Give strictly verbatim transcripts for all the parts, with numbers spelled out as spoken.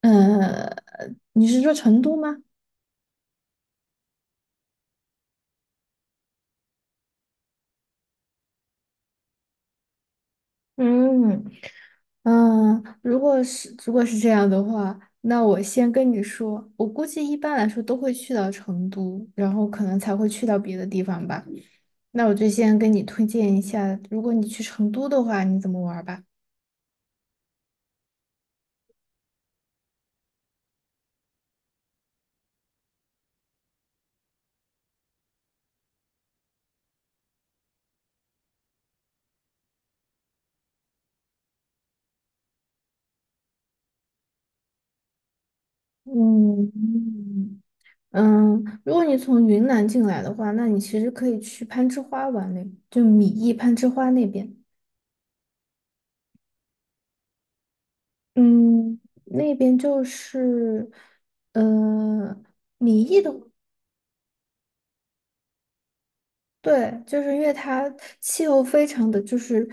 呃，你是说成都吗？嗯。嗯，如果是如果是这样的话，那我先跟你说，我估计一般来说都会去到成都，然后可能才会去到别的地方吧。那我就先跟你推荐一下，如果你去成都的话，你怎么玩儿吧？嗯。嗯，如果你从云南进来的话，那你其实可以去攀枝花玩嘞，就米易攀枝花那边。嗯，那边就是，呃，米易的，对，就是因为它气候非常的就是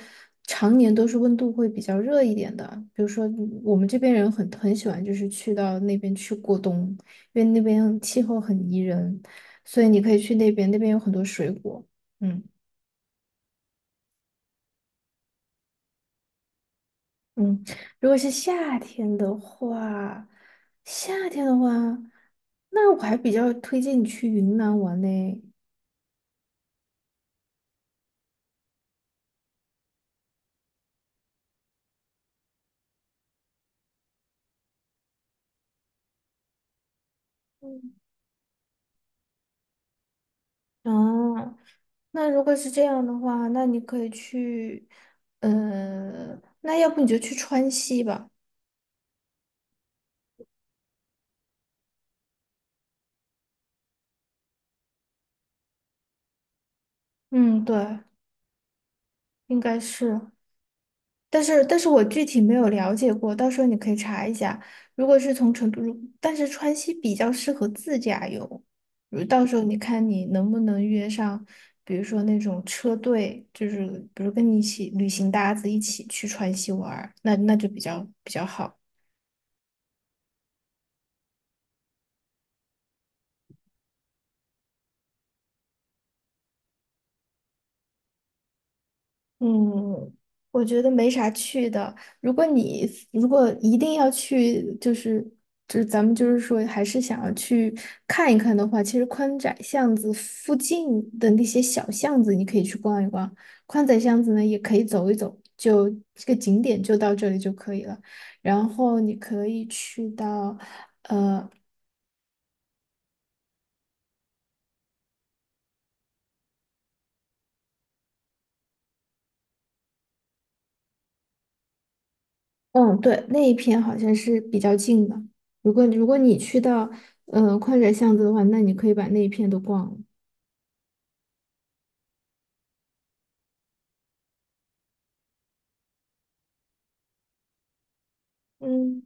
常年都是温度会比较热一点的，比如说我们这边人很很喜欢就是去到那边去过冬，因为那边气候很宜人，所以你可以去那边，那边有很多水果。嗯。嗯，如果是夏天的话，夏天的话，那我还比较推荐你去云南玩呢。哦，那如果是这样的话，那你可以去，呃，那要不你就去川西吧。嗯，对，应该是，但是但是我具体没有了解过，到时候你可以查一下。如果是从成都，如但是川西比较适合自驾游，如到时候你看你能不能约上，比如说那种车队，就是比如跟你一起旅行搭子一起去川西玩儿，那那就比较比较好。嗯，我觉得没啥去的。如果你如果一定要去，就是就是咱们就是说，还是想要去看一看的话，其实宽窄巷子附近的那些小巷子，你可以去逛一逛。宽窄巷子呢，也可以走一走，就这个景点就到这里就可以了。然后你可以去到，嗯，对，那一片好像是比较近的。如果如果你去到，嗯、宽窄巷子的话，那你可以把那一片都逛了。嗯，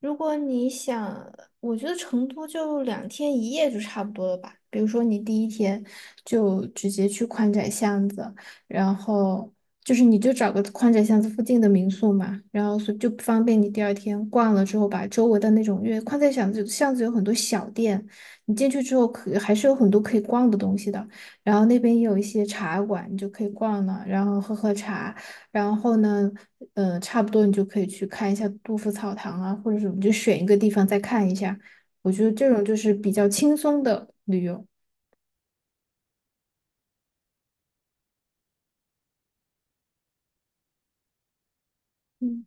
如果你想，我觉得成都就两天一夜就差不多了吧。比如说你第一天就直接去宽窄巷子，然后就是你就找个宽窄巷子附近的民宿嘛，然后所以就方便你第二天逛了之后，把周围的那种，因为宽窄巷子巷子有很多小店，你进去之后可还是有很多可以逛的东西的。然后那边也有一些茶馆，你就可以逛了，然后喝喝茶。然后呢，呃，差不多你就可以去看一下杜甫草堂啊，或者什么，就选一个地方再看一下。我觉得这种就是比较轻松的旅游。嗯。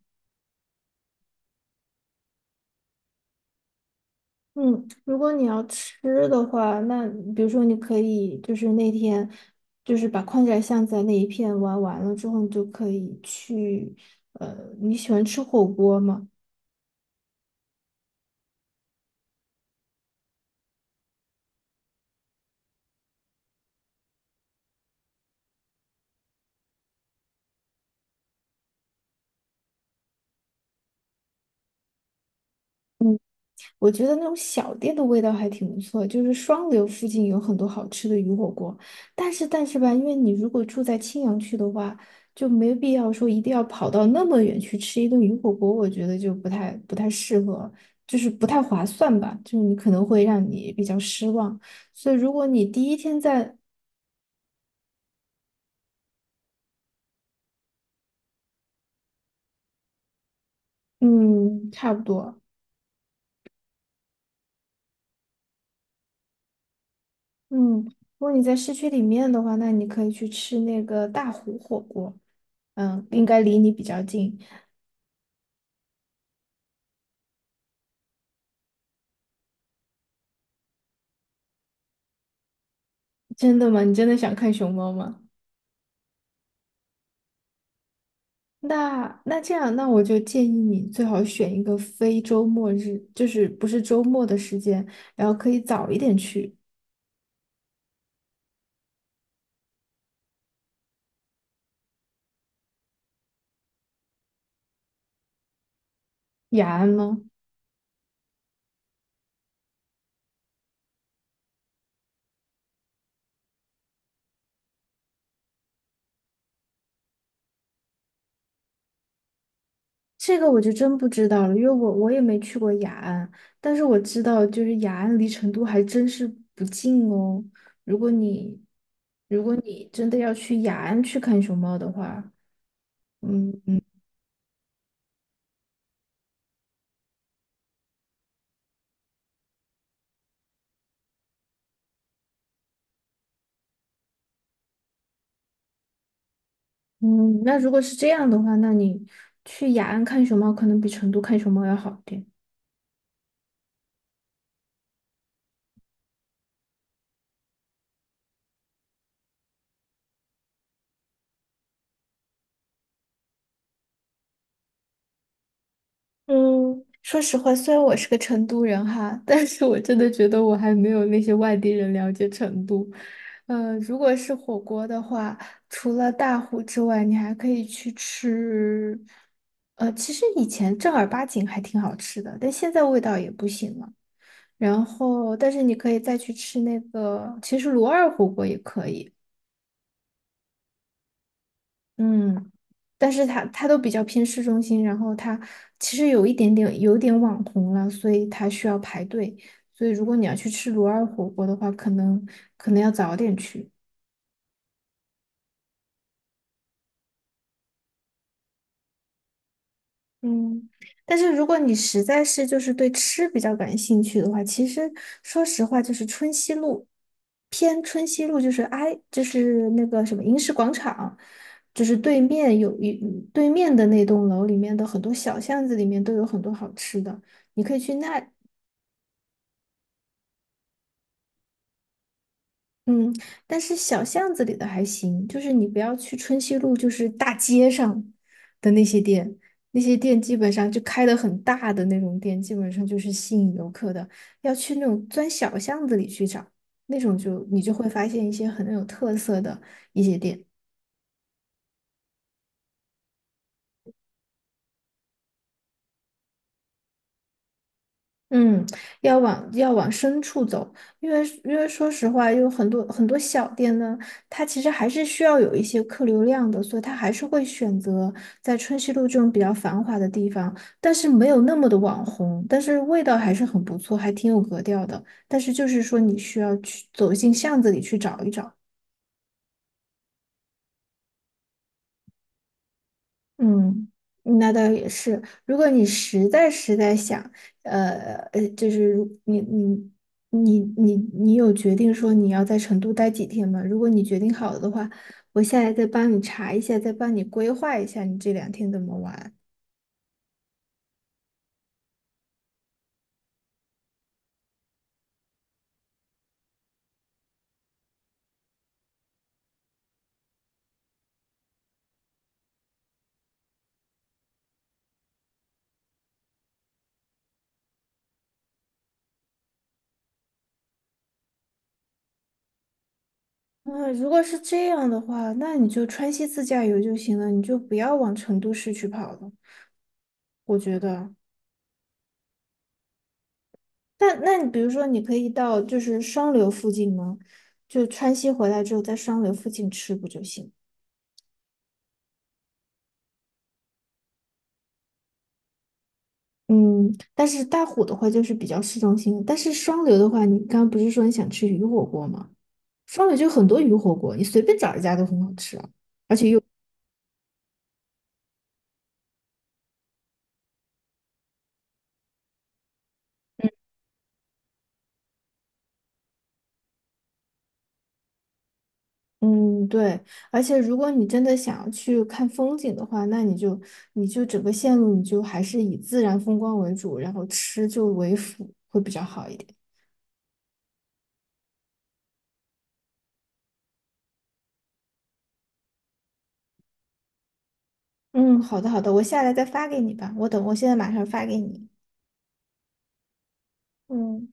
嗯，如果你要吃的话，那比如说你可以就是那天就是把宽窄巷子那一片玩完了之后，你就可以去，呃，你喜欢吃火锅吗？我觉得那种小店的味道还挺不错，就是双流附近有很多好吃的鱼火锅，但是但是吧，因为你如果住在青羊区的话，就没必要说一定要跑到那么远去吃一顿鱼火锅，我觉得就不太不太适合，就是不太划算吧，就是你可能会让你比较失望。所以如果你第一天在，嗯，差不多。嗯，如果你在市区里面的话，那你可以去吃那个大湖火锅，嗯，应该离你比较近。真的吗？你真的想看熊猫吗？那那这样，那我就建议你最好选一个非周末日，就是不是周末的时间，然后可以早一点去。雅安吗？这个我就真不知道了，因为我我也没去过雅安，但是我知道就是雅安离成都还真是不近哦。如果你如果你真的要去雅安去看熊猫的话，嗯。嗯，那如果是这样的话，那你去雅安看熊猫可能比成都看熊猫要好一点。嗯，说实话，虽然我是个成都人哈，但是我真的觉得我还没有那些外地人了解成都。呃，如果是火锅的话，除了大虎之外，你还可以去吃。呃，其实以前正儿八经还挺好吃的，但现在味道也不行了。然后，但是你可以再去吃那个，其实罗二火锅也可以。嗯，但是他他都比较偏市中心，然后他其实有一点点有点网红了，所以他需要排队。所以如果你要去吃罗尔火锅的话，可能可能要早点去。嗯，但是如果你实在是就是对吃比较感兴趣的话，其实说实话，就是春熙路偏春熙路，就是挨就是那个什么银石广场，就是对面有一对面的那栋楼里面的很多小巷子里面都有很多好吃的，你可以去那。嗯，但是小巷子里的还行，就是你不要去春熙路，就是大街上的那些店，那些店基本上就开的很大的那种店，基本上就是吸引游客的。要去那种钻小巷子里去找，那种就你就会发现一些很有特色的一些店。嗯，要往要往深处走，因为因为说实话，有很多很多小店呢，它其实还是需要有一些客流量的，所以它还是会选择在春熙路这种比较繁华的地方，但是没有那么的网红，但是味道还是很不错，还挺有格调的。但是就是说，你需要去走进巷子里去找一找。嗯，那倒也是。如果你实在实在想，呃呃，就是如你你你你你有决定说你要在成都待几天吗？如果你决定好了的话，我下来再帮你查一下，再帮你规划一下你这两天怎么玩。嗯，如果是这样的话，那你就川西自驾游就行了，你就不要往成都市区跑了。我觉得，那那你比如说，你可以到就是双流附近吗？就川西回来之后，在双流附近吃不就行了。嗯，但是大虎的话就是比较市中心，但是双流的话，你刚刚不是说你想吃鱼火锅吗？双流就很多鱼火锅，你随便找一家都很好吃啊。嗯，对，而且如果你真的想要去看风景的话，那你就你就整个线路你就还是以自然风光为主，然后吃就为辅，会比较好一点。嗯，好的好的，我下来再发给你吧，我等我现在马上发给你。嗯。